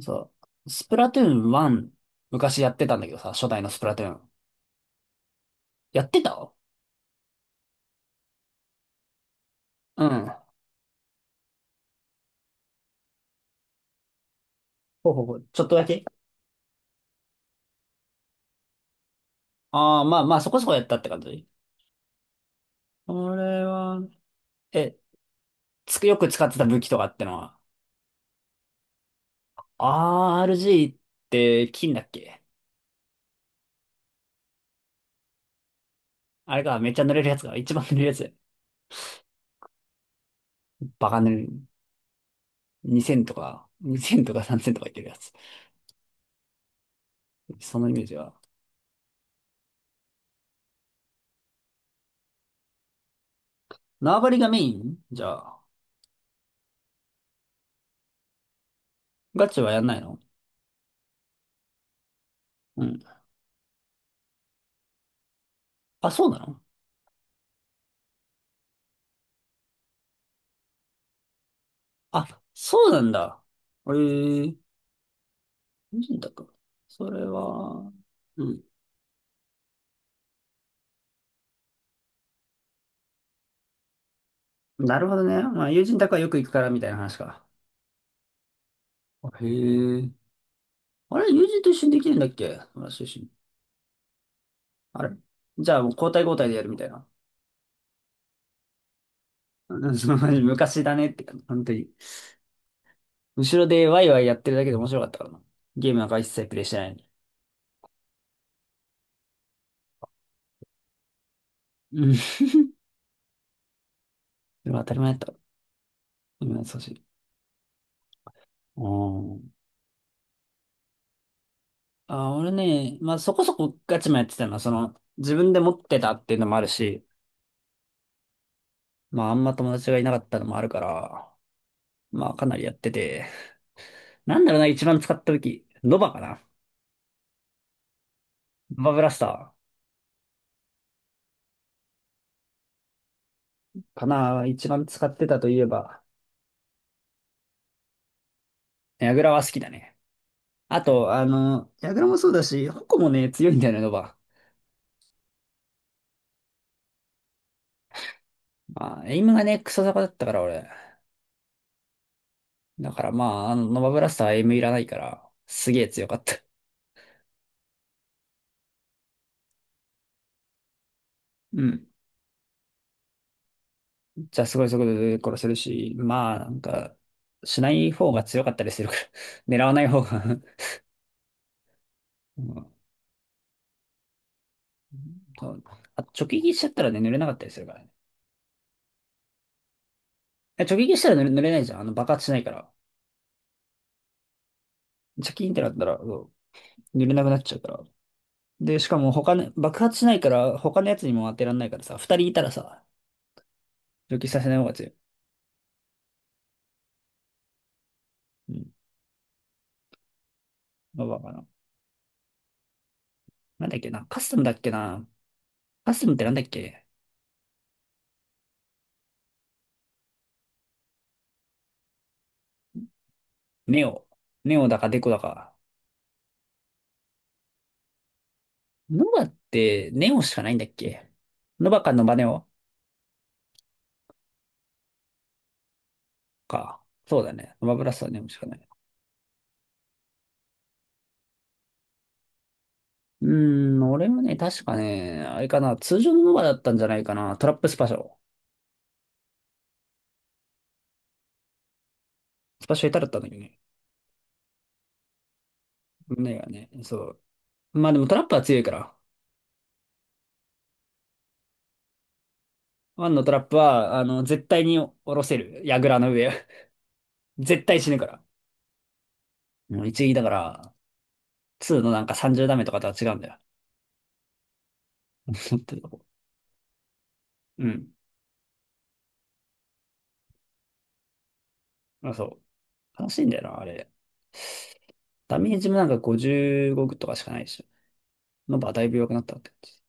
そう。スプラトゥーン1、昔やってたんだけどさ、初代のスプラトゥーン。やってた。うん。ほうほうほう。ちょっとだけ。ああー、まあまあ、そこそこやったって感じ。これは、え、つく、よく使ってた武器とかってのは、RG って金だっけ。あれか、めっちゃ塗れるやつが、一番塗れるやつ。バカ塗れる。2000とか、2000とか3000とかいってるやつ。そのイメージは。縄張りがメインじゃあ、ガチはやんないの。うん。あ、そうなの。あ、そうなんだ。ええ友人宅。それは、うん。なるほどね。まあ、友人宅はよく行くからみたいな話か。あへえ。あれ、友人と一緒にできるんだっけ。友達と一緒に。あれ、じゃあもう交代交代でやるみたいな。うん。マジ昔だねって感じ、本当に。後ろでワイワイやってるだけで面白かったからな。ゲームなんか一切プレイしてないのに。うん。でも当たり前だった。今優しい。あー、あ、俺ね、まあそこそこガチもやってたのは、自分で持ってたっていうのもあるし、まああんま友達がいなかったのもあるから、まあ、かなりやってて。なんだろうな、一番使った時。ノバかな。ノバブラスターかな、一番使ってたといえば。ヤグラは好きだね。あと、ヤグラもそうだし、ホコもね、強いんだよね、ノバ。まあ、エイムがね、クソ坂だったから、俺。だからまあ、ノバブラスターはエイムいらないから、すげえ強かった。うん。じゃあ、すごい速度で殺せるし、まあ、なんか、しない方が強かったりするから、狙わない方が うん。あ、直撃しちゃったらね、濡れなかったりするからね。いや直撃したら濡れないじゃん。爆発しないから。チャキーンってなったら、そう、濡れなくなっちゃうから。で、しかも他の、爆発しないから、他のやつにも当てらんないからさ、二人いたらさ、直撃させない方が強い。うん。まあまあまあな。なんだっけな。カスタムだっけな。カスタムってなんだっけ。ネオ。ネオだかデコだか。ノバって、ネオしかないんだっけ。ノバかノバネオか。そうだね。ノバブラスはネオしかない。うーん、俺もね、確かね、あれかな、通常のノバだったんじゃないかな。トラップスパシャを。スパシャいただったんだけどね。胸がね、そう。まあでもトラップは強いから。ワンのトラップは、絶対に下ろせる。矢倉の上。絶対死ぬから。もう一撃だから、ツーのなんか30ダメとかとは違うんだよ。本当に。うん。まあ、そう。悲しいんだよな、あれ。ダメージもなんか55とかしかないでしょ。ノバはだいぶ弱くなったって感じ。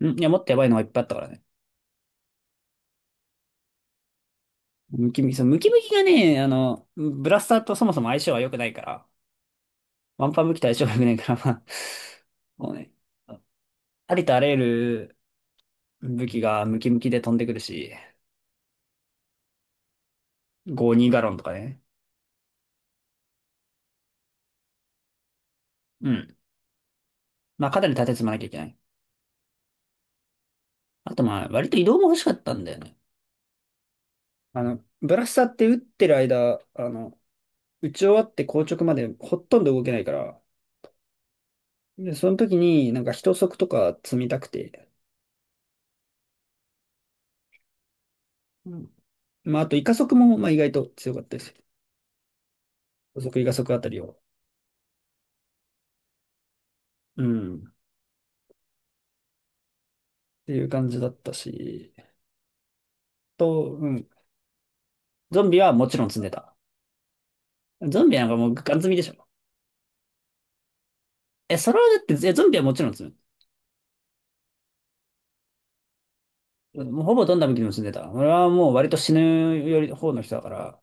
うん。いや、もっとやばいのがいっぱいあったからね。ムキムキ、そうムキムキがね、ブラスターとそもそも相性が良くないから、ワンパン武器と相性が良くないから、まあ、もうね、ありとあらゆる武器がムキムキで飛んでくるし、52ガロンとかね。うん。まあ、肩に立て積まなきゃいけない。あと、まあ、割と移動も欲しかったんだよね。ブラスターって打ってる間、打ち終わって硬直までほとんど動けないから、で、その時になんか一足とか積みたくて。うん。まあ、あと、イカ足も、まあ、意外と強かったですよ。補足イカ足あたりを。うん。っていう感じだったし、うん。ゾンビはもちろん積んでた。ゾンビなんかもうガン積みでしょ。え、それはだって、ゾンビはもちろん積む。もうほぼどんな時にも住んでたね。俺はもう割と死ぬより方の人だから、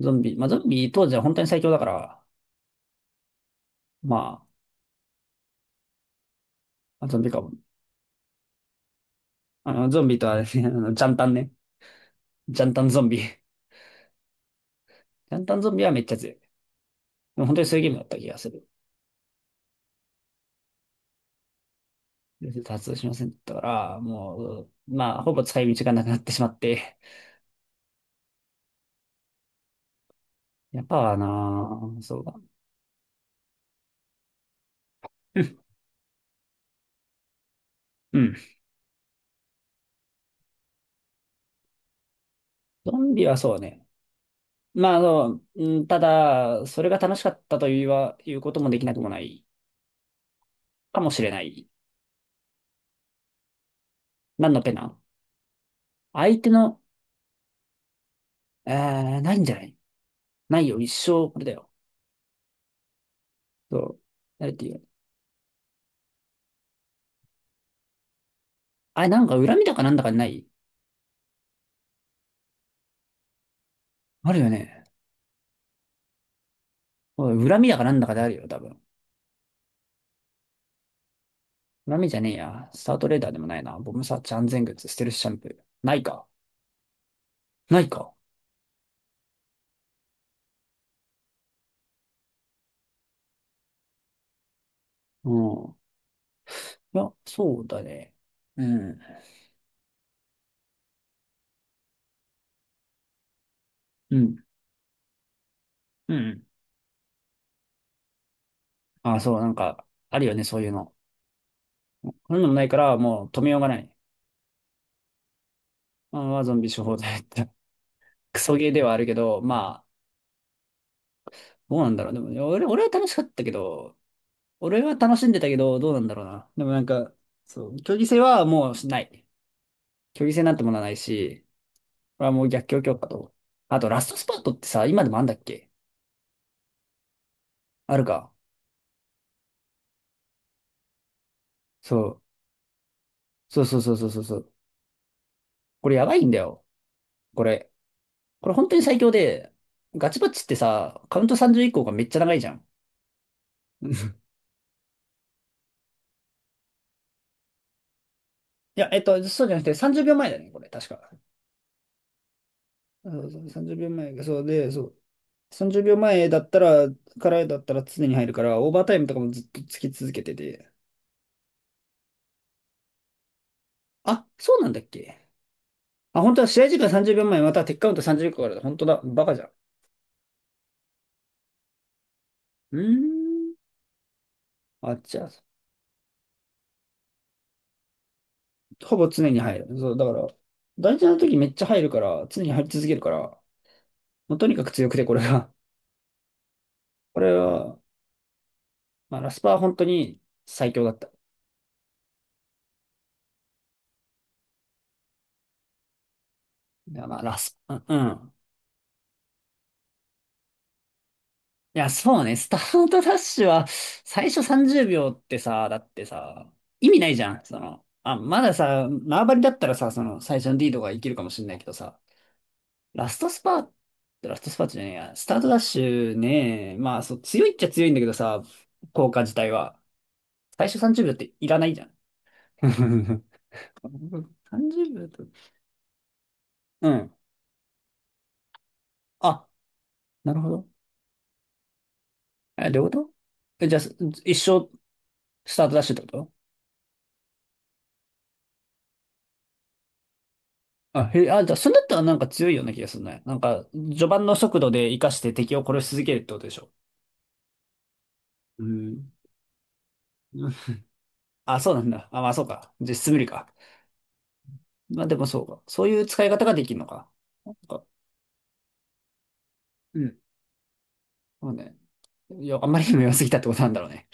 ゾンビ、まあゾンビ当時は本当に最強だから、まあ、ゾンビかも。ゾンビとあれね、ジャンタンね。ジャンタンゾンビ。ジャンタンゾンビはめっちゃ強い。でも本当にそういうゲームだった気がする。多発動しませんだったから、もう、まあ、ほぼ使い道がなくなってしまって。やっぱな。あ、そうだ。うん。ゾンビはそうね。まあ、うん、ただ、それが楽しかったというは、いうこともできなくもないかもしれない。何のペナ？相手の、ないんじゃない？ないよ、一生、これだよ。そう。誰っていう。あ、なんか恨みだかなんだかない？あるよね。おい恨みだかなんだかであるよ、多分。恨みじゃねえや。スタートレーダーでもないな。ボムサーチ安全靴、ステルスシャンプー。ないか。ないか。うん。いや、そうだね。うん。うん。うん。あ、そう、なんか、あるよね、そういうの。そういうのもないから、もう止めようがない。あ、まあ、ゾンビ処方剤って。クソゲーではあるけど、まあ、どうなんだろう。でも、俺は楽しかったけど、俺は楽しんでたけど、どうなんだろうな。でもなんか、そう、競技性はもうしない。競技性なんてものはないし、これはもう逆境強化と。あと、ラストスパートってさ、今でもあんだっけ。あるか。そう。そうそうそうそうそうそう。これやばいんだよ。これ。これ本当に最強で、ガチバッチってさ、カウント30以降がめっちゃ長いじゃん。うん。いや、そうじゃなくて30秒前だね、これ、確か。そうそう、30秒前、そうで、そう。30秒前だったら、からだったら常に入るから、オーバータイムとかもずっとつき続けてて、あ、そうなんだっけ。あ、本当は試合時間30秒前、またはテックカウント30秒からだ。本当だ。バカじゃん。うーん。あ、じゃあ、ほぼ常に入る。そう、だから、大事な時めっちゃ入るから、常に入り続けるから、もうとにかく強くて、これが。これは、まあ、ラスパは本当に最強だった。いや、まあ、ラスパ、うん。うん。いや、そうね。スタートダッシュは、最初30秒ってさ、だってさ、意味ないじゃん。あ、まださ、縄張りだったらさ、最初の D ーかがいけるかもしれないけどさ、ラストスパー、ラストスパートじゃねえや、スタートダッシュね、まあそう、強いっちゃ強いんだけどさ、効果自体は。最初30秒っていらないじゃん。30秒と。うん。あ、なるほど。え、どういうこと？え、じゃあ、一生スタートダッシュってこと？あ、へ、あ、じゃあ、それだったらなんか強いような気がするね。なんか、序盤の速度で活かして敵を殺し続けるってことでしょ。うん。あ、そうなんだ。あ、まあそうか。実質無理か。まあでもそうか。そういう使い方ができるのか。なんか、うん。そうね。いや、あんまりにも良すぎたってことなんだろうね。